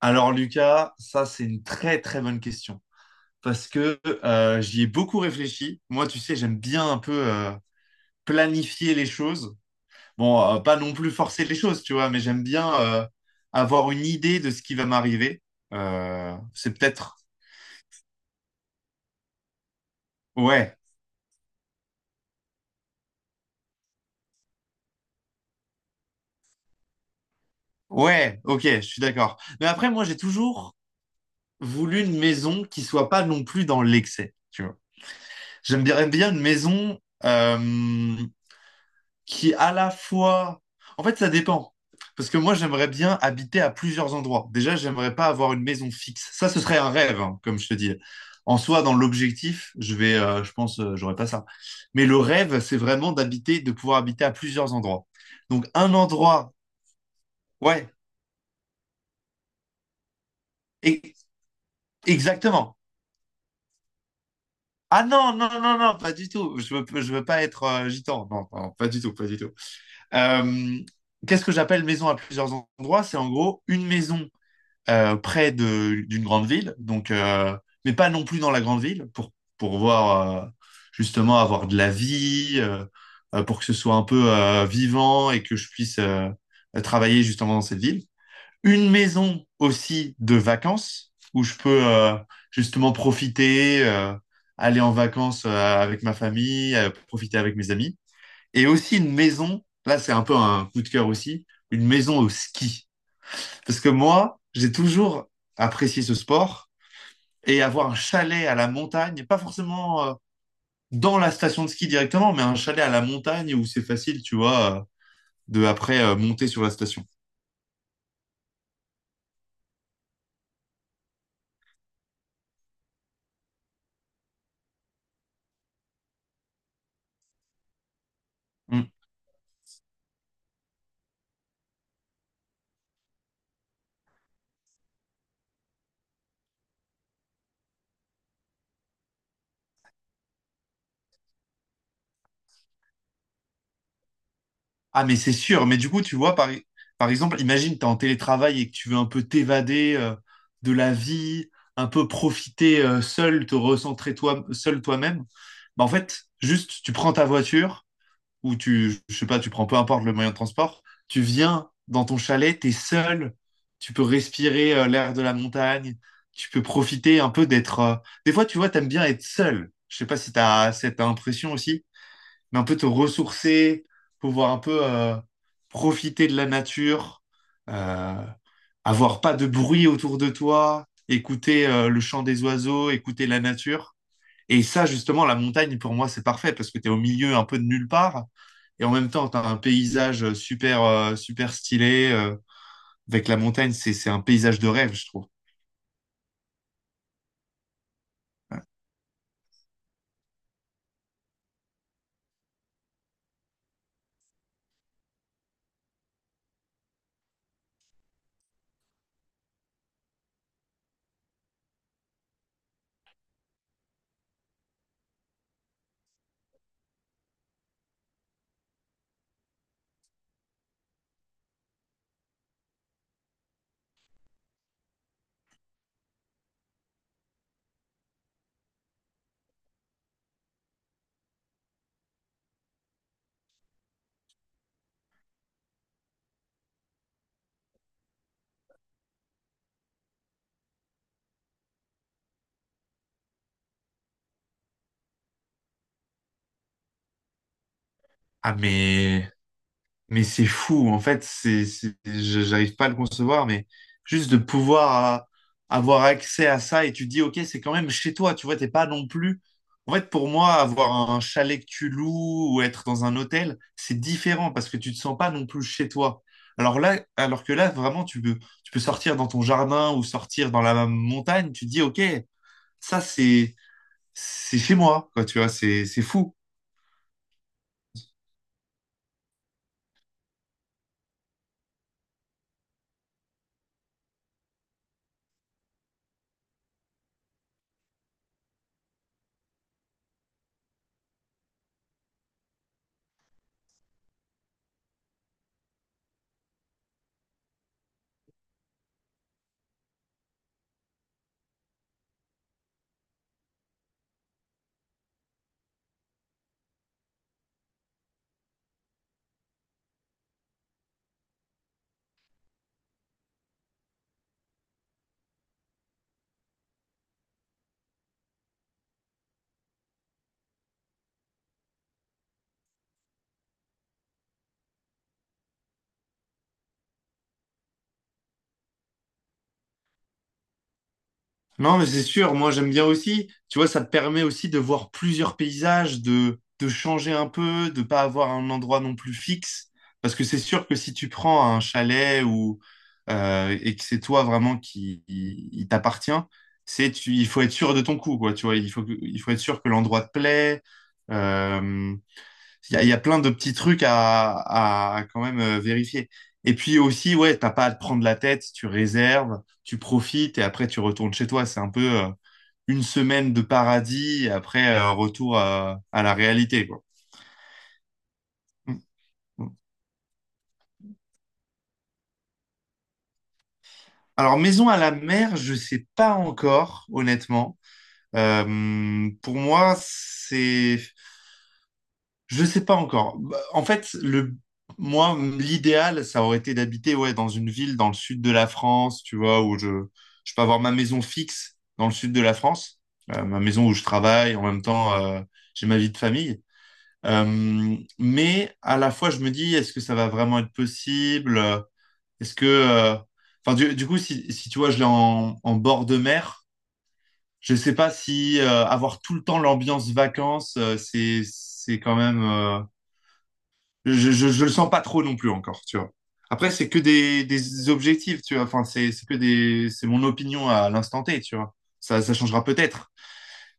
Alors Lucas, ça c'est une très très bonne question parce que j'y ai beaucoup réfléchi. Moi, tu sais, j'aime bien un peu planifier les choses. Bon, pas non plus forcer les choses, tu vois, mais j'aime bien avoir une idée de ce qui va m'arriver. Euh, c'est peut-être... Ouais, ouais, ok, je suis d'accord. Mais après, moi, j'ai toujours voulu une maison qui soit pas non plus dans l'excès, tu vois. J'aimerais bien bien une maison... euh, qui à la fois... En fait, ça dépend. Parce que moi, j'aimerais bien habiter à plusieurs endroits. Déjà, j'aimerais pas avoir une maison fixe. Ça, ce serait un rêve, hein, comme je te dis. En soi, dans l'objectif, je vais, je pense, j'aurais pas ça. Mais le rêve, c'est vraiment d'habiter, de pouvoir habiter à plusieurs endroits. Donc, un endroit, ouais, e- exactement. Ah non, non, non, non, pas du tout. Je veux pas être gitan. Non, non, pas du tout, pas du tout. Euh, qu'est-ce que j'appelle maison à plusieurs endroits? C'est en gros une maison près de, d'une grande ville, donc, mais pas non plus dans la grande ville, pour voir, justement, avoir de la vie, pour que ce soit un peu vivant et que je puisse travailler justement dans cette ville. Une maison aussi de vacances, où je peux justement profiter, aller en vacances avec ma famille, profiter avec mes amis. Et aussi une maison, là c'est un peu un coup de cœur aussi, une maison au ski. Parce que moi, j'ai toujours apprécié ce sport et avoir un chalet à la montagne, pas forcément dans la station de ski directement, mais un chalet à la montagne où c'est facile, tu vois, de après monter sur la station. Mm. Ah, mais c'est sûr. Mais du coup, tu vois, par, par exemple, imagine, t'es en télétravail et que tu veux un peu t'évader de la vie, un peu profiter seul, te recentrer toi, seul toi-même. Bah, en fait, juste, tu prends ta voiture. Où tu, je sais pas, tu prends peu importe le moyen de transport, tu viens dans ton chalet, t'es seul, tu peux respirer l'air de la montagne, tu peux profiter un peu d'être. Des fois, tu vois, t'aimes bien être seul. Je sais pas si t'as cette impression aussi, mais un peu te ressourcer, pouvoir un peu profiter de la nature, euh, avoir pas de bruit autour de toi, écouter le chant des oiseaux, écouter la nature. Et ça, justement, la montagne, pour moi, c'est parfait parce que tu es au milieu un peu de nulle part. Et en même temps, tu as un paysage super, super stylé. Avec la montagne, c'est un paysage de rêve, je trouve. Ah, mais Mais c'est fou, en fait, c'est, j'arrive pas à le concevoir, mais juste de pouvoir avoir accès à ça et tu te dis, ok, c'est quand même chez toi, tu vois, t'es pas non plus. En fait, pour moi, avoir un chalet que tu loues ou être dans un hôtel, c'est différent parce que tu te sens pas non plus chez toi. Alors là, alors que là, vraiment, tu peux sortir dans ton jardin ou sortir dans la montagne, tu te dis, ok, ça, c'est chez moi, quoi, tu vois, c'est fou. Non, mais c'est sûr, moi j'aime bien aussi. Tu vois, ça te permet aussi de voir plusieurs paysages, de changer un peu, de pas avoir un endroit non plus fixe. Parce que c'est sûr que si tu prends un chalet ou et que c'est toi vraiment il t'appartient, il faut être sûr de ton coup, quoi. Tu vois, il faut, il faut être sûr que l'endroit te plaît. euh, il y a, il y a plein de petits trucs à quand même vérifier. Et puis aussi, ouais, t'as pas à te prendre la tête, tu réserves, tu profites et après tu retournes chez toi. C'est un peu une semaine de paradis et après retour à la réalité, quoi. Mm, mm. Alors, maison à la mer, je sais pas encore, honnêtement. Pour moi, c'est... Je sais pas encore. Bah, en fait, moi, l'idéal, ça aurait été d'habiter ouais, dans une ville dans le sud de la France, tu vois, où je peux avoir ma maison fixe dans le sud de la France, ma maison où je travaille, en même temps, j'ai ma vie de famille. Mais à la fois, je me dis, est-ce que ça va vraiment être possible? Est-ce que... euh, Enfin, du coup, si, si tu vois, je l'ai en, en bord de mer, je sais pas si avoir tout le temps l'ambiance vacances, c'est quand même... je le sens pas trop non plus encore, tu vois. Après, c'est que des objectifs, tu vois. Enfin, c'est mon opinion à l'instant T, tu vois. Ça changera peut-être.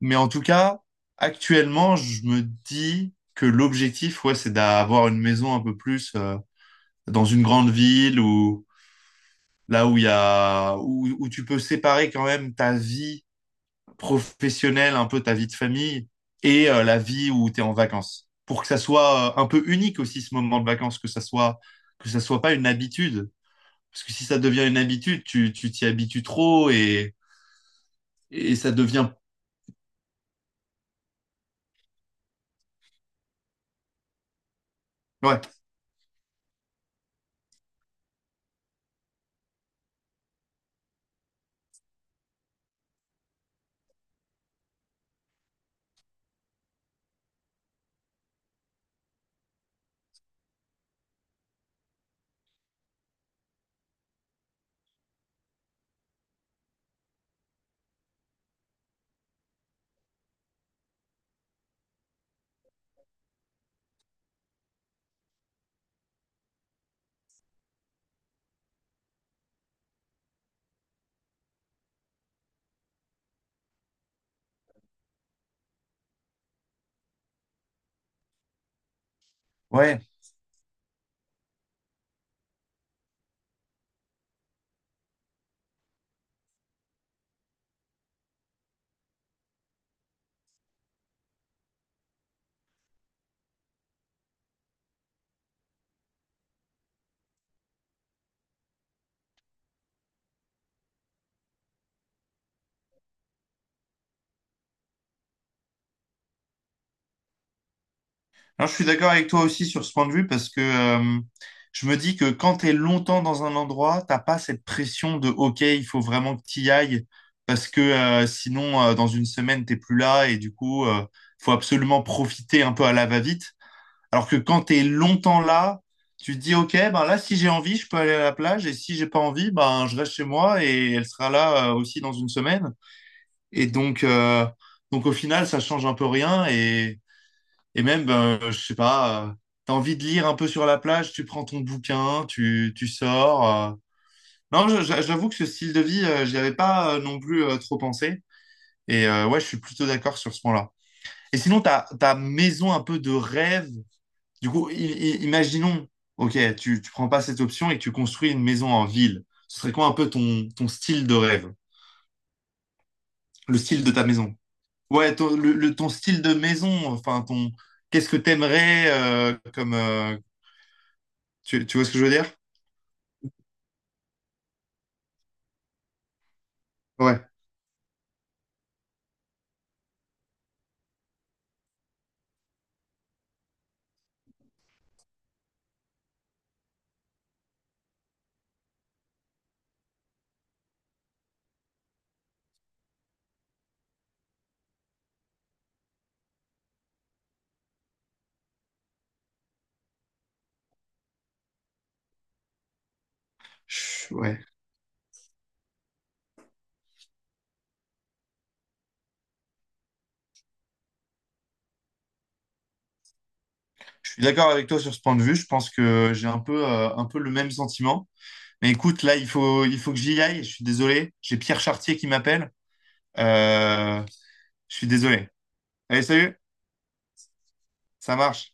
Mais en tout cas, actuellement, je me dis que l'objectif, ouais, c'est d'avoir une maison un peu plus dans une grande ville ou là où il y a, où, où tu peux séparer quand même ta vie professionnelle, un peu ta vie de famille et la vie où tu es en vacances. Pour que ça soit un peu unique aussi ce moment de vacances, que ça soit pas une habitude. Parce que si ça devient une habitude, tu t'y habitues trop et ça devient... Ouais, ouais. Alors, je suis d'accord avec toi aussi sur ce point de vue parce que je me dis que quand tu es longtemps dans un endroit, t'as pas cette pression de OK, il faut vraiment que tu y ailles parce que sinon, dans une semaine, t'es plus là et du coup, faut absolument profiter un peu à la va-vite. Alors que quand tu es longtemps là, tu te dis OK, ben là, si j'ai envie, je peux aller à la plage et si j'ai pas envie, ben je reste chez moi et elle sera là aussi dans une semaine. Et donc au final, ça change un peu rien et et même, ben, je sais pas, t'as envie de lire un peu sur la plage, tu prends ton bouquin, tu sors. euh. Non, j'avoue que ce style de vie, j'y avais pas non plus trop pensé. Et ouais, je suis plutôt d'accord sur ce point-là. Et sinon, ta, ta maison un peu de rêve, du coup, imaginons, ok, tu prends pas cette option et que tu construis une maison en ville. Ce serait quoi un peu ton, ton style de rêve? Le style de ta maison? Ouais, ton, ton style de maison, enfin, ton, qu'est-ce que t'aimerais comme... Tu, tu vois ce que je veux dire? Ouais, ouais. Je suis d'accord avec toi sur ce point de vue. Je pense que j'ai un peu le même sentiment. Mais écoute, là, il faut que j'y aille. Je suis désolé. J'ai Pierre Chartier qui m'appelle. Euh, je suis désolé. Allez, salut. Ça marche.